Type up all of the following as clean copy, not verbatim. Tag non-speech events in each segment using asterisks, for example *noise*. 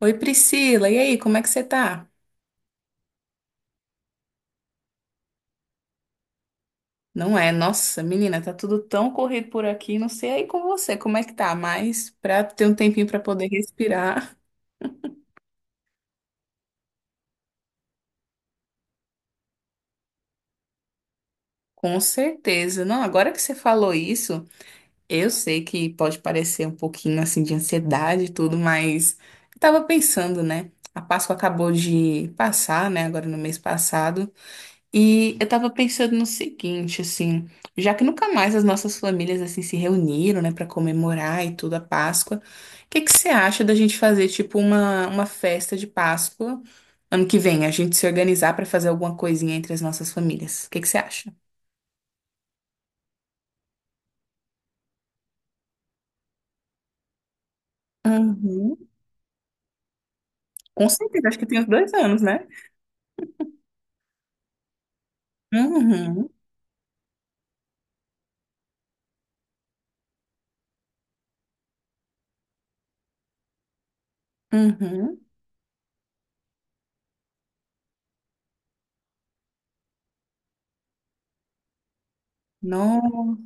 Oi, Priscila, e aí, como é que você tá? Não é? Nossa, menina, tá tudo tão corrido por aqui, não sei aí com você, como é que tá, mas pra ter um tempinho pra poder respirar, *laughs* com certeza. Não, agora que você falou isso, eu sei que pode parecer um pouquinho assim de ansiedade e tudo, mas eu tava pensando, né? A Páscoa acabou de passar, né? Agora no mês passado. E eu tava pensando no seguinte, assim, já que nunca mais as nossas famílias assim se reuniram, né, para comemorar e tudo a Páscoa, o que que você acha da gente fazer tipo uma festa de Páscoa ano que vem, a gente se organizar para fazer alguma coisinha entre as nossas famílias? O que que você acha? Uhum. Com certeza, acho que tem uns dois anos, né? Uhum. Uhum. Não.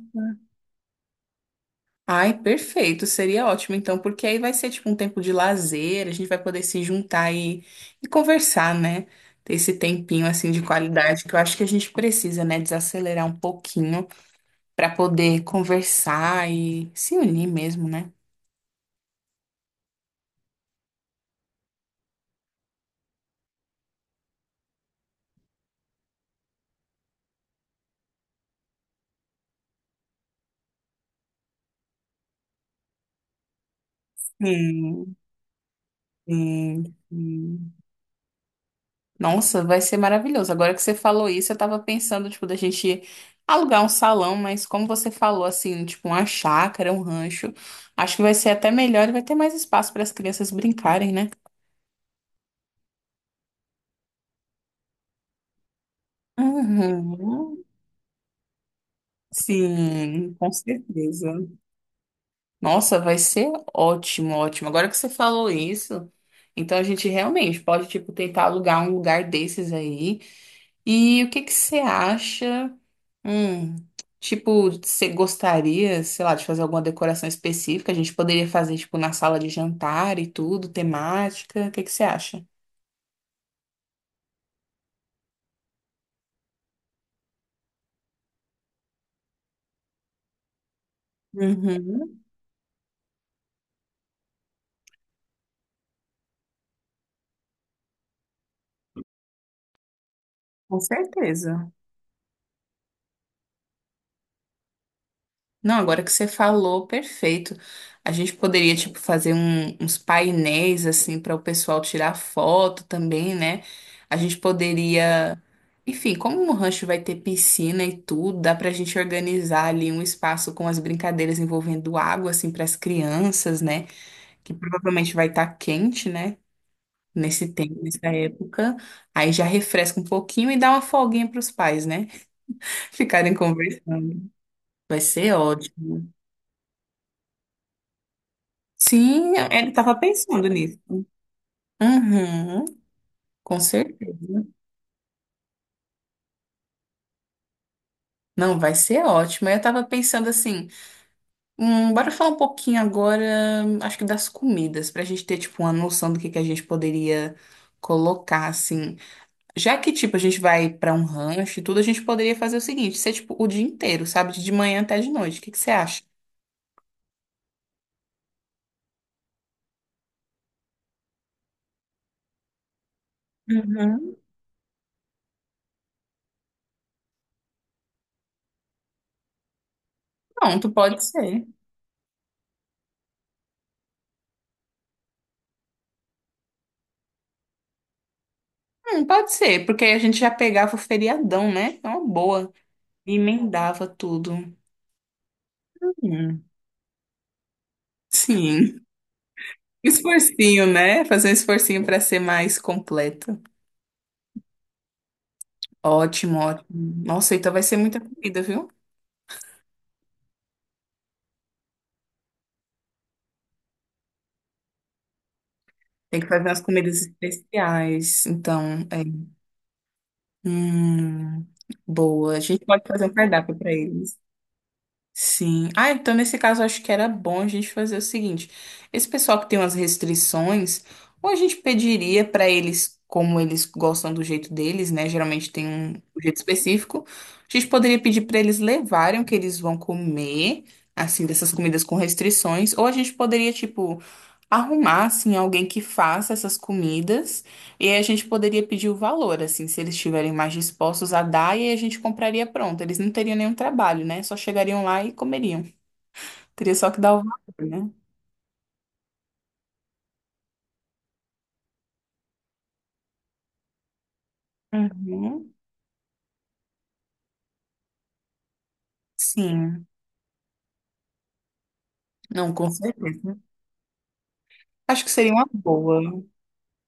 Ai, perfeito, seria ótimo então, porque aí vai ser tipo um tempo de lazer, a gente vai poder se juntar e conversar, né? Ter esse tempinho assim de qualidade que eu acho que a gente precisa, né? Desacelerar um pouquinho para poder conversar e se unir mesmo, né? Sim, sim, sim. Nossa, vai ser maravilhoso. Agora que você falou isso, eu tava pensando, tipo, da gente alugar um salão, mas como você falou, assim, tipo, uma chácara, um rancho, acho que vai ser até melhor e vai ter mais espaço para as crianças brincarem, né? Uhum. Sim, com certeza. Nossa, vai ser ótimo, ótimo. Agora que você falou isso, então a gente realmente pode, tipo, tentar alugar um lugar desses aí. E o que que você acha? Hum, tipo, você gostaria, sei lá, de fazer alguma decoração específica? A gente poderia fazer, tipo, na sala de jantar e tudo, temática. O que que você acha? Uhum, com certeza. Não, agora que você falou, perfeito. A gente poderia, tipo, uns painéis, assim, para o pessoal tirar foto também, né? A gente poderia. Enfim, como o rancho vai ter piscina e tudo, dá pra gente organizar ali um espaço com as brincadeiras envolvendo água, assim, para as crianças, né? Que provavelmente vai estar quente, né? Nesse tempo, nessa época. Aí já refresca um pouquinho e dá uma folguinha para os pais, né? *laughs* Ficarem conversando. Vai ser ótimo. Sim, ele estava pensando nisso. Uhum, com certeza. Não, vai ser ótimo. Eu estava pensando assim, bora falar um pouquinho agora, acho que das comidas, para a gente ter, tipo, uma noção do que a gente poderia colocar, assim. Já que, tipo, a gente vai pra um rancho e tudo, a gente poderia fazer o seguinte, ser, tipo, o dia inteiro, sabe? De manhã até de noite. O que que você acha? Uhum. Pronto, pode ser. Pode ser, porque aí a gente já pegava o feriadão, né? É uma boa. E emendava tudo. Hum, sim. Esforcinho, né? Fazer um esforcinho pra ser mais completo. Ótimo, ótimo. Nossa, então vai ser muita comida, viu? Tem que fazer umas comidas especiais. Então, é. Hum, boa. A gente pode fazer um cardápio pra eles. Sim. Ah, então nesse caso eu acho que era bom a gente fazer o seguinte: esse pessoal que tem umas restrições, ou a gente pediria para eles, como eles gostam do jeito deles, né? Geralmente tem um jeito específico. A gente poderia pedir para eles levarem o que eles vão comer, assim, dessas comidas com restrições, ou a gente poderia, tipo, arrumar, assim, alguém que faça essas comidas. E aí a gente poderia pedir o valor, assim, se eles estiverem mais dispostos a dar, e aí a gente compraria pronto. Eles não teriam nenhum trabalho, né? Só chegariam lá e comeriam. Teria só que dar o valor, né? Uhum. Sim, não, com certeza. Acho que seria uma boa.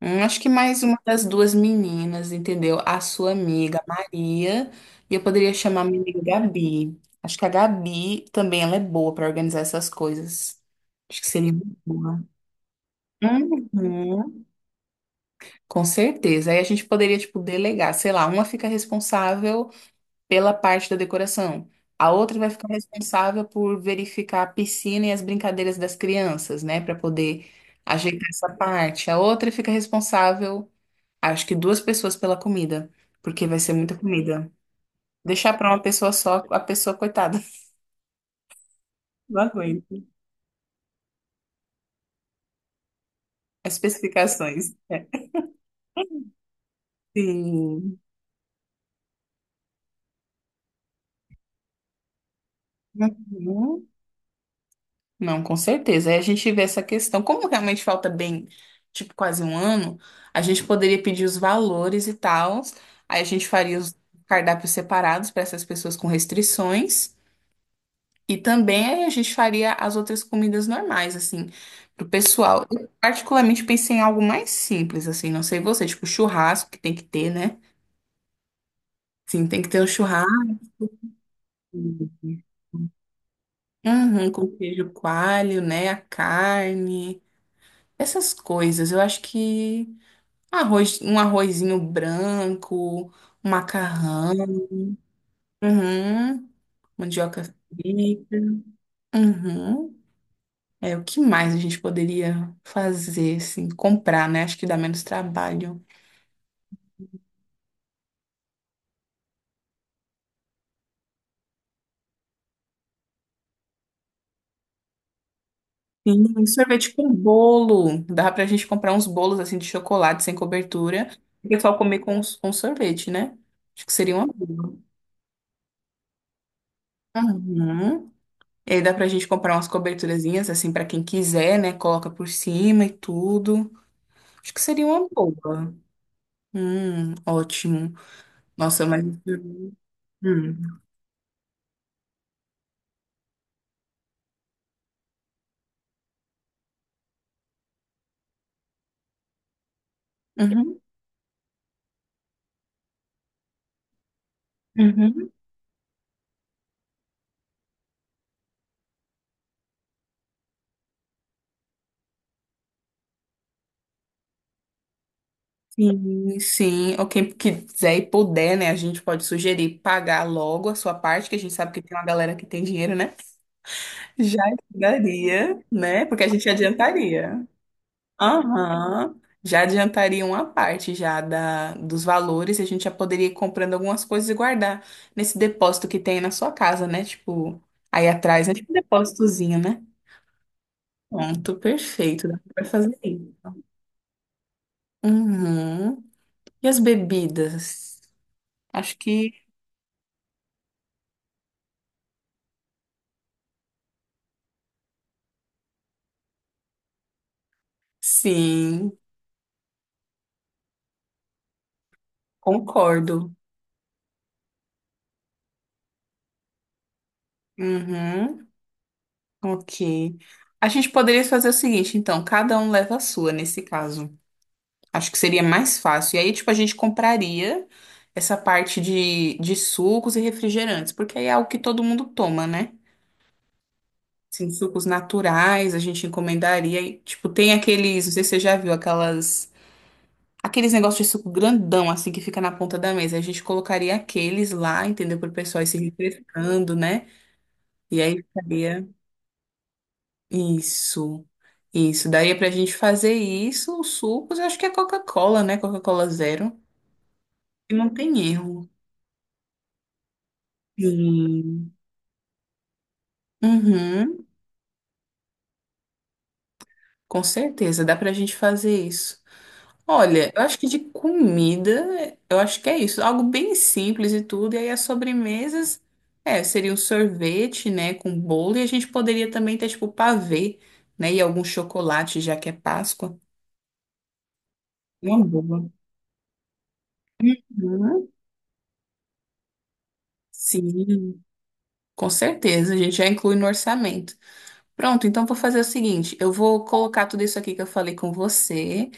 Acho que mais uma das duas meninas, entendeu? A sua amiga Maria, e eu poderia chamar a minha amiga Gabi. Acho que a Gabi também ela é boa para organizar essas coisas. Acho que seria uma boa. Uhum. Com certeza. Aí a gente poderia, tipo, delegar, sei lá, uma fica responsável pela parte da decoração, a outra vai ficar responsável por verificar a piscina e as brincadeiras das crianças, né, para poder ajeitar essa parte. A outra fica responsável, acho que duas pessoas pela comida, porque vai ser muita comida. Deixar para uma pessoa só, a pessoa coitada, *laughs* não aguenta. As especificações. Sim. Uhum. Não, com certeza. Aí a gente vê essa questão. Como realmente falta bem, tipo, quase um ano, a gente poderia pedir os valores e tal. Aí a gente faria os cardápios separados para essas pessoas com restrições. E também aí a gente faria as outras comidas normais, assim, pro pessoal. Eu particularmente pensei em algo mais simples, assim, não sei você, tipo churrasco que tem que ter, né? Sim, tem que ter um churrasco. Uhum, com queijo coalho, né? A carne, essas coisas. Eu acho que. Arroz, um arrozinho branco, um macarrão, uhum, mandioca frita, uhum. É, o que mais a gente poderia fazer, assim, comprar, né? Acho que dá menos trabalho. Sim, um sorvete com bolo. Dá pra gente comprar uns bolos, assim, de chocolate sem cobertura. E o pessoal comer com sorvete, né? Acho que seria uma boa. Uhum. E aí dá pra gente comprar umas coberturazinhas, assim, pra quem quiser, né? Coloca por cima e tudo. Acho que seria uma boa. Ótimo. Nossa, mas. Hum. Uhum, uhum. Sim, sim. Ou quem quiser e puder, né? A gente pode sugerir pagar logo a sua parte, que a gente sabe que tem uma galera que tem dinheiro, né? Já ajudaria, né? Porque a gente adiantaria. Aham. Já adiantaria uma parte já da, dos valores, e a gente já poderia ir comprando algumas coisas e guardar nesse depósito que tem na sua casa, né? Tipo, aí atrás, é tipo um depósitozinho, né? Pronto, perfeito. Dá pra fazer isso. Uhum. E as bebidas? Acho que sim, concordo. Uhum. Ok. A gente poderia fazer o seguinte, então, cada um leva a sua nesse caso. Acho que seria mais fácil. E aí, tipo, a gente compraria essa parte de sucos e refrigerantes, porque aí é algo que todo mundo toma, né? Sim, sucos naturais, a gente encomendaria. E, tipo, tem aqueles, não sei se você já viu, aquelas. Aqueles negócios de suco grandão, assim, que fica na ponta da mesa. A gente colocaria aqueles lá, entendeu? Para o pessoal ir se refrescando, né? E aí ficaria. Isso. Isso. Daria pra gente fazer isso, os sucos, eu acho que é Coca-Cola, né? Coca-Cola zero. E não tem erro. Sim. Uhum. Com certeza, dá pra gente fazer isso. Olha, eu acho que de comida, eu acho que é isso. Algo bem simples e tudo. E aí as sobremesas, é, seria um sorvete, né, com bolo. E a gente poderia também ter, tipo, pavê, né, e algum chocolate, já que é Páscoa. Uma boa. Uhum. Sim, com certeza. A gente já inclui no orçamento. Pronto, então vou fazer o seguinte. Eu vou colocar tudo isso aqui que eu falei com você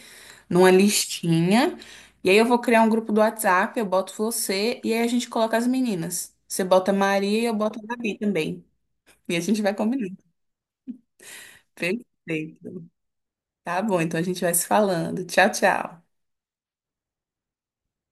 numa listinha. E aí eu vou criar um grupo do WhatsApp, eu boto você e aí a gente coloca as meninas. Você bota a Maria e eu boto a Gabi também. E a gente vai combinando. Perfeito. Tá bom, então a gente vai se falando. Tchau, tchau.